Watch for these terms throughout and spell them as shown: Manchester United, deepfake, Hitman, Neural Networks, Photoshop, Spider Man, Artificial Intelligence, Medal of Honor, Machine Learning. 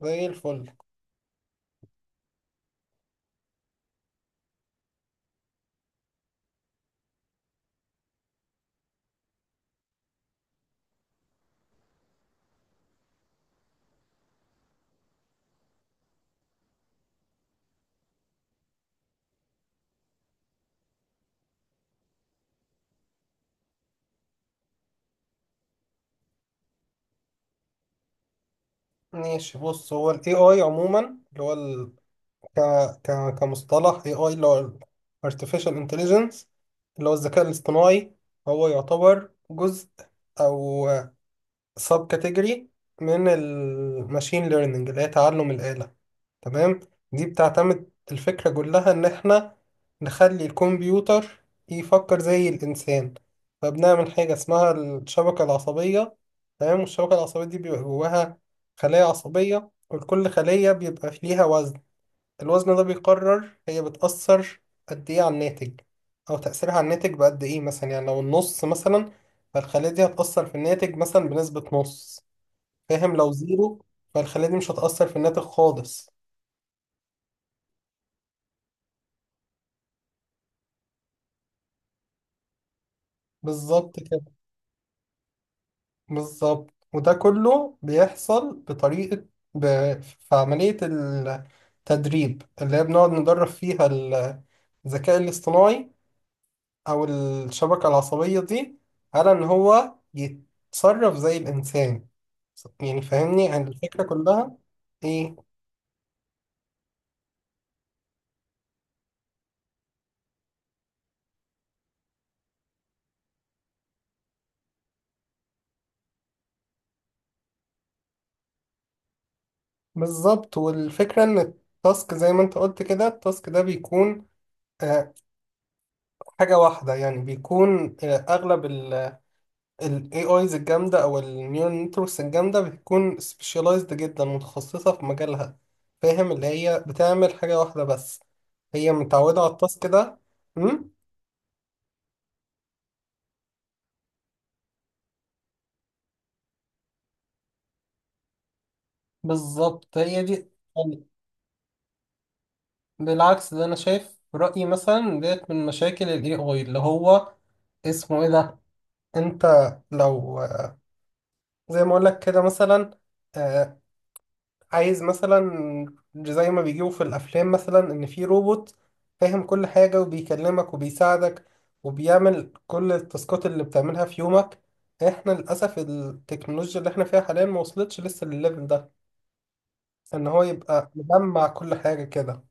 زي الفل. ماشي، بص، هو ال AI عموما، اللي هو ك... كمصطلح AI اللي هو ال Artificial Intelligence اللي هو الذكاء الاصطناعي، هو يعتبر جزء أو sub category من ال Machine Learning اللي هي تعلم الآلة. تمام. دي بتعتمد الفكرة كلها إن إحنا نخلي الكمبيوتر يفكر زي الإنسان، فبنعمل حاجة اسمها الشبكة العصبية. تمام. والشبكة العصبية دي بيبقى جواها خلايا عصبية، ولكل خلية بيبقى ليها وزن. الوزن ده بيقرر هي بتأثر قد إيه على الناتج، أو تأثيرها على الناتج بقد إيه. مثلا يعني لو النص مثلا، فالخلية دي هتأثر في الناتج مثلا بنسبة نص. فاهم؟ لو زيرو فالخلية دي مش هتأثر في الناتج خالص. بالظبط كده. بالظبط، وده كله بيحصل بطريقة ب... في عملية التدريب، اللي هي بنقعد ندرب فيها الذكاء الاصطناعي أو الشبكة العصبية دي، على إن هو يتصرف زي الإنسان. يعني فاهمني، يعني الفكرة كلها. إيه؟ بالظبط. والفكرة إن التاسك، زي ما أنت قلت كده، التاسك ده بيكون آه، حاجة واحدة. يعني بيكون أغلب ال AIs الجامدة أو ال Neural Networks الجامدة بتكون specialized جدا، متخصصة في مجالها. فاهم؟ اللي هي بتعمل حاجة واحدة بس، هي متعودة على التاسك ده. أم؟ بالظبط، هي دي. يعني بالعكس، ده أنا شايف رأيي مثلا ديت من مشاكل ال AI. اللي هو اسمه إيه ده؟ أنت لو، زي ما أقولك كده مثلا، آه، عايز مثلا زي ما بيجيبوا في الافلام مثلا، ان في روبوت فاهم كل حاجه وبيكلمك وبيساعدك وبيعمل كل التاسكات اللي بتعملها في يومك. احنا للاسف التكنولوجيا اللي احنا فيها حاليا ما وصلتش لسه للليفل ده، ان هو يبقى مجمع كل حاجه كده.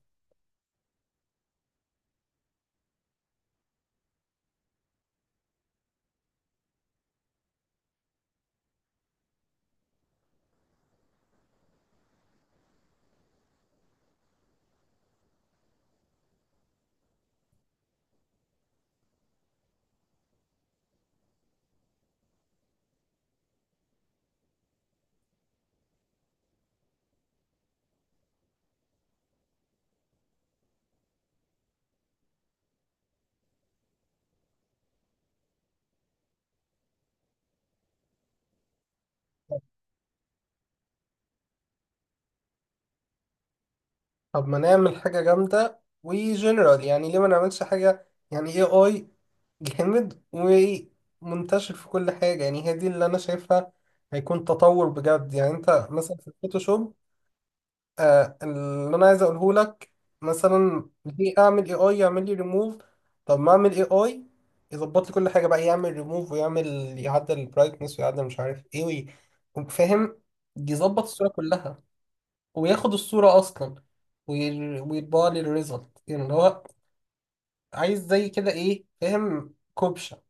طب ما نعمل حاجه جامده وجنرال، يعني ليه ما نعملش حاجه يعني اي اي جامد ومنتشر في كل حاجه؟ يعني هي دي اللي انا شايفها، هيكون تطور بجد. يعني انت مثلا في الفوتوشوب، آه اللي انا عايز اقوله لك، مثلا ليه اعمل اي اي يعمل لي ريموف؟ طب ما اعمل اي اي يظبط لي كل حاجه بقى، يعمل ريموف ويعمل، يعدل البرايتنس ويعدل مش عارف ايه فاهم؟ يظبط الصوره كلها وياخد الصوره اصلا ويطبع لي الريزلت، يعني اللي هو عايز زي كده ايه. فاهم كوبشه؟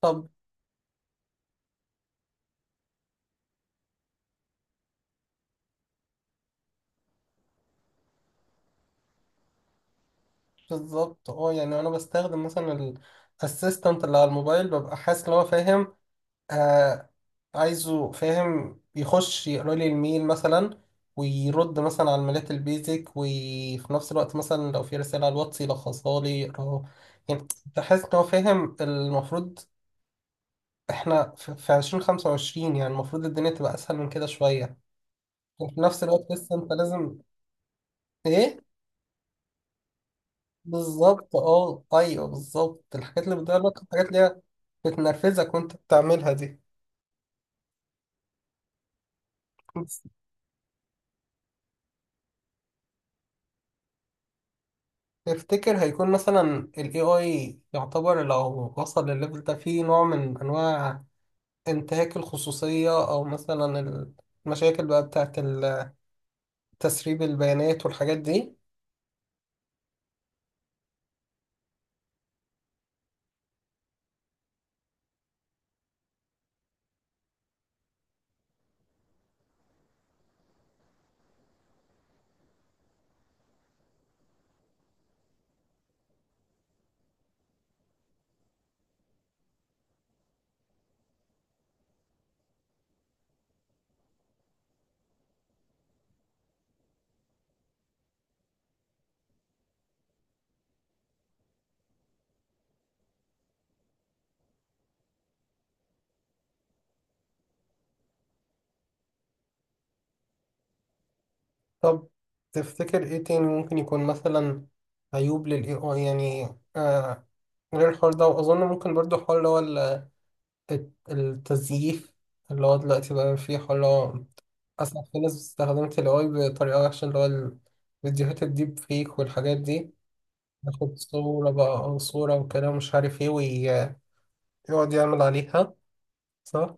طب بالظبط. اه يعني انا بستخدم مثلا الاسيستنت اللي على الموبايل، ببقى حاسس ان هو فاهم آه عايزه، فاهم، يخش يقرا لي الميل مثلا ويرد مثلا على الميلات البيزك، وفي نفس الوقت مثلا لو في رسالة على الواتس يلخصها لي يقراها. يعني بحس ان هو فاهم. المفروض احنا في 2025، يعني المفروض الدنيا تبقى اسهل من كده شوية، وفي نفس الوقت لسه انت لازم ايه. بالظبط. اه، ايوه بالظبط، الحاجات اللي بتضايقك، الحاجات اللي هي بتنرفزك وانت بتعملها دي. تفتكر هيكون مثلا ال AI يعتبر لو وصل للليفل ده فيه نوع من أنواع انتهاك الخصوصية، أو مثلا المشاكل بقى بتاعت تسريب البيانات والحاجات دي؟ طب تفتكر إيه تاني ممكن يكون مثلا عيوب لل AI يعني؟ آه غير الحوار ده. وأظن ممكن برضو حوار اللي هو التزييف، اللي هو دلوقتي بقى فيه حوار اللي هو أصلا في ناس استخدمت ال AI بطريقة وحشة، اللي هو الفيديوهات الديب فيك والحاجات دي. ياخد صورة بقى أو صورة وكلام مش عارف إيه، ويقعد يعمل عليها. صح؟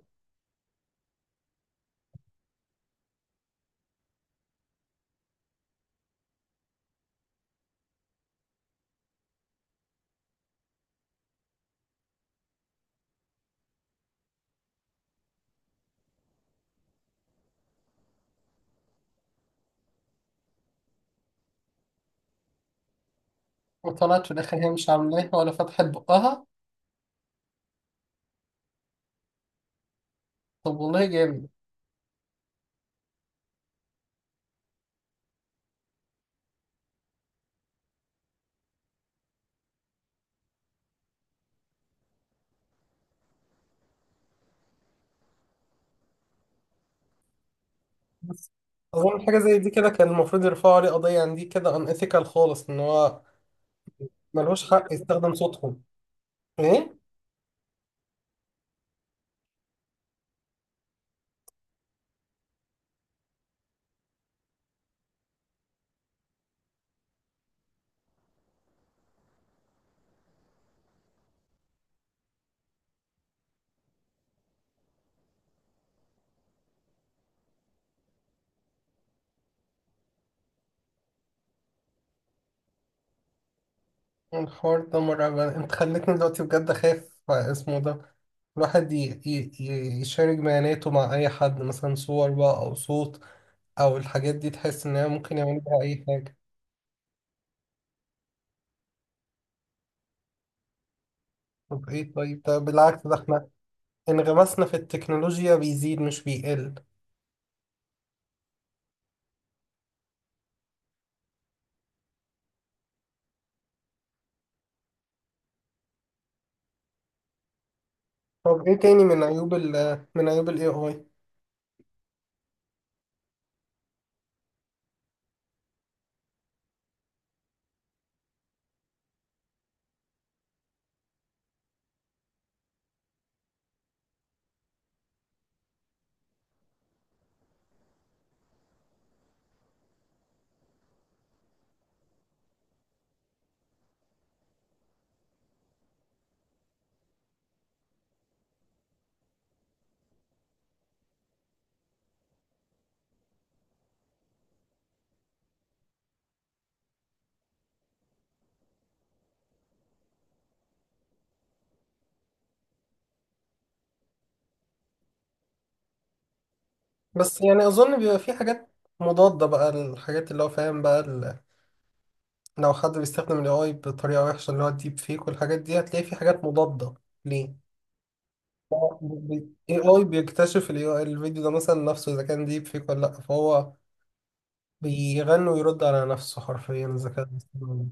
وطلعت في الآخر هي مش عاملاها ولا فتحت بقها. طب والله جامد. بس أظن حاجة زي دي كده كان المفروض يرفعوا عليه قضية، عن دي كده unethical خالص، إن هو ملوش حق يستخدم صوتهم. إيه؟ الحوار ده مرعب، أنت خلتني دلوقتي بجد أخاف اسمه ده. الواحد يشارك بياناته مع أي حد، مثلا صور بقى أو صوت أو الحاجات دي، تحس إن هي ممكن يعمل بيها أي حاجة. طب ايه؟ طيب. طب بالعكس، ده احنا انغمسنا في التكنولوجيا بيزيد مش بيقل. طب ايه تاني من عيوب ال، من عيوب الاي اي؟ بس يعني اظن بيبقى في حاجات مضادة بقى، الحاجات اللي هو فاهم بقى لو حد بيستخدم الاي اي بطريقة وحشة، اللي هو الديب فيك والحاجات دي، هتلاقي في حاجات مضادة ليه؟ الاي اي بيكتشف ال AI الفيديو ده مثلا نفسه اذا كان ديب فيك ولا لا، فهو بيغني ويرد على نفسه حرفيا اذا كان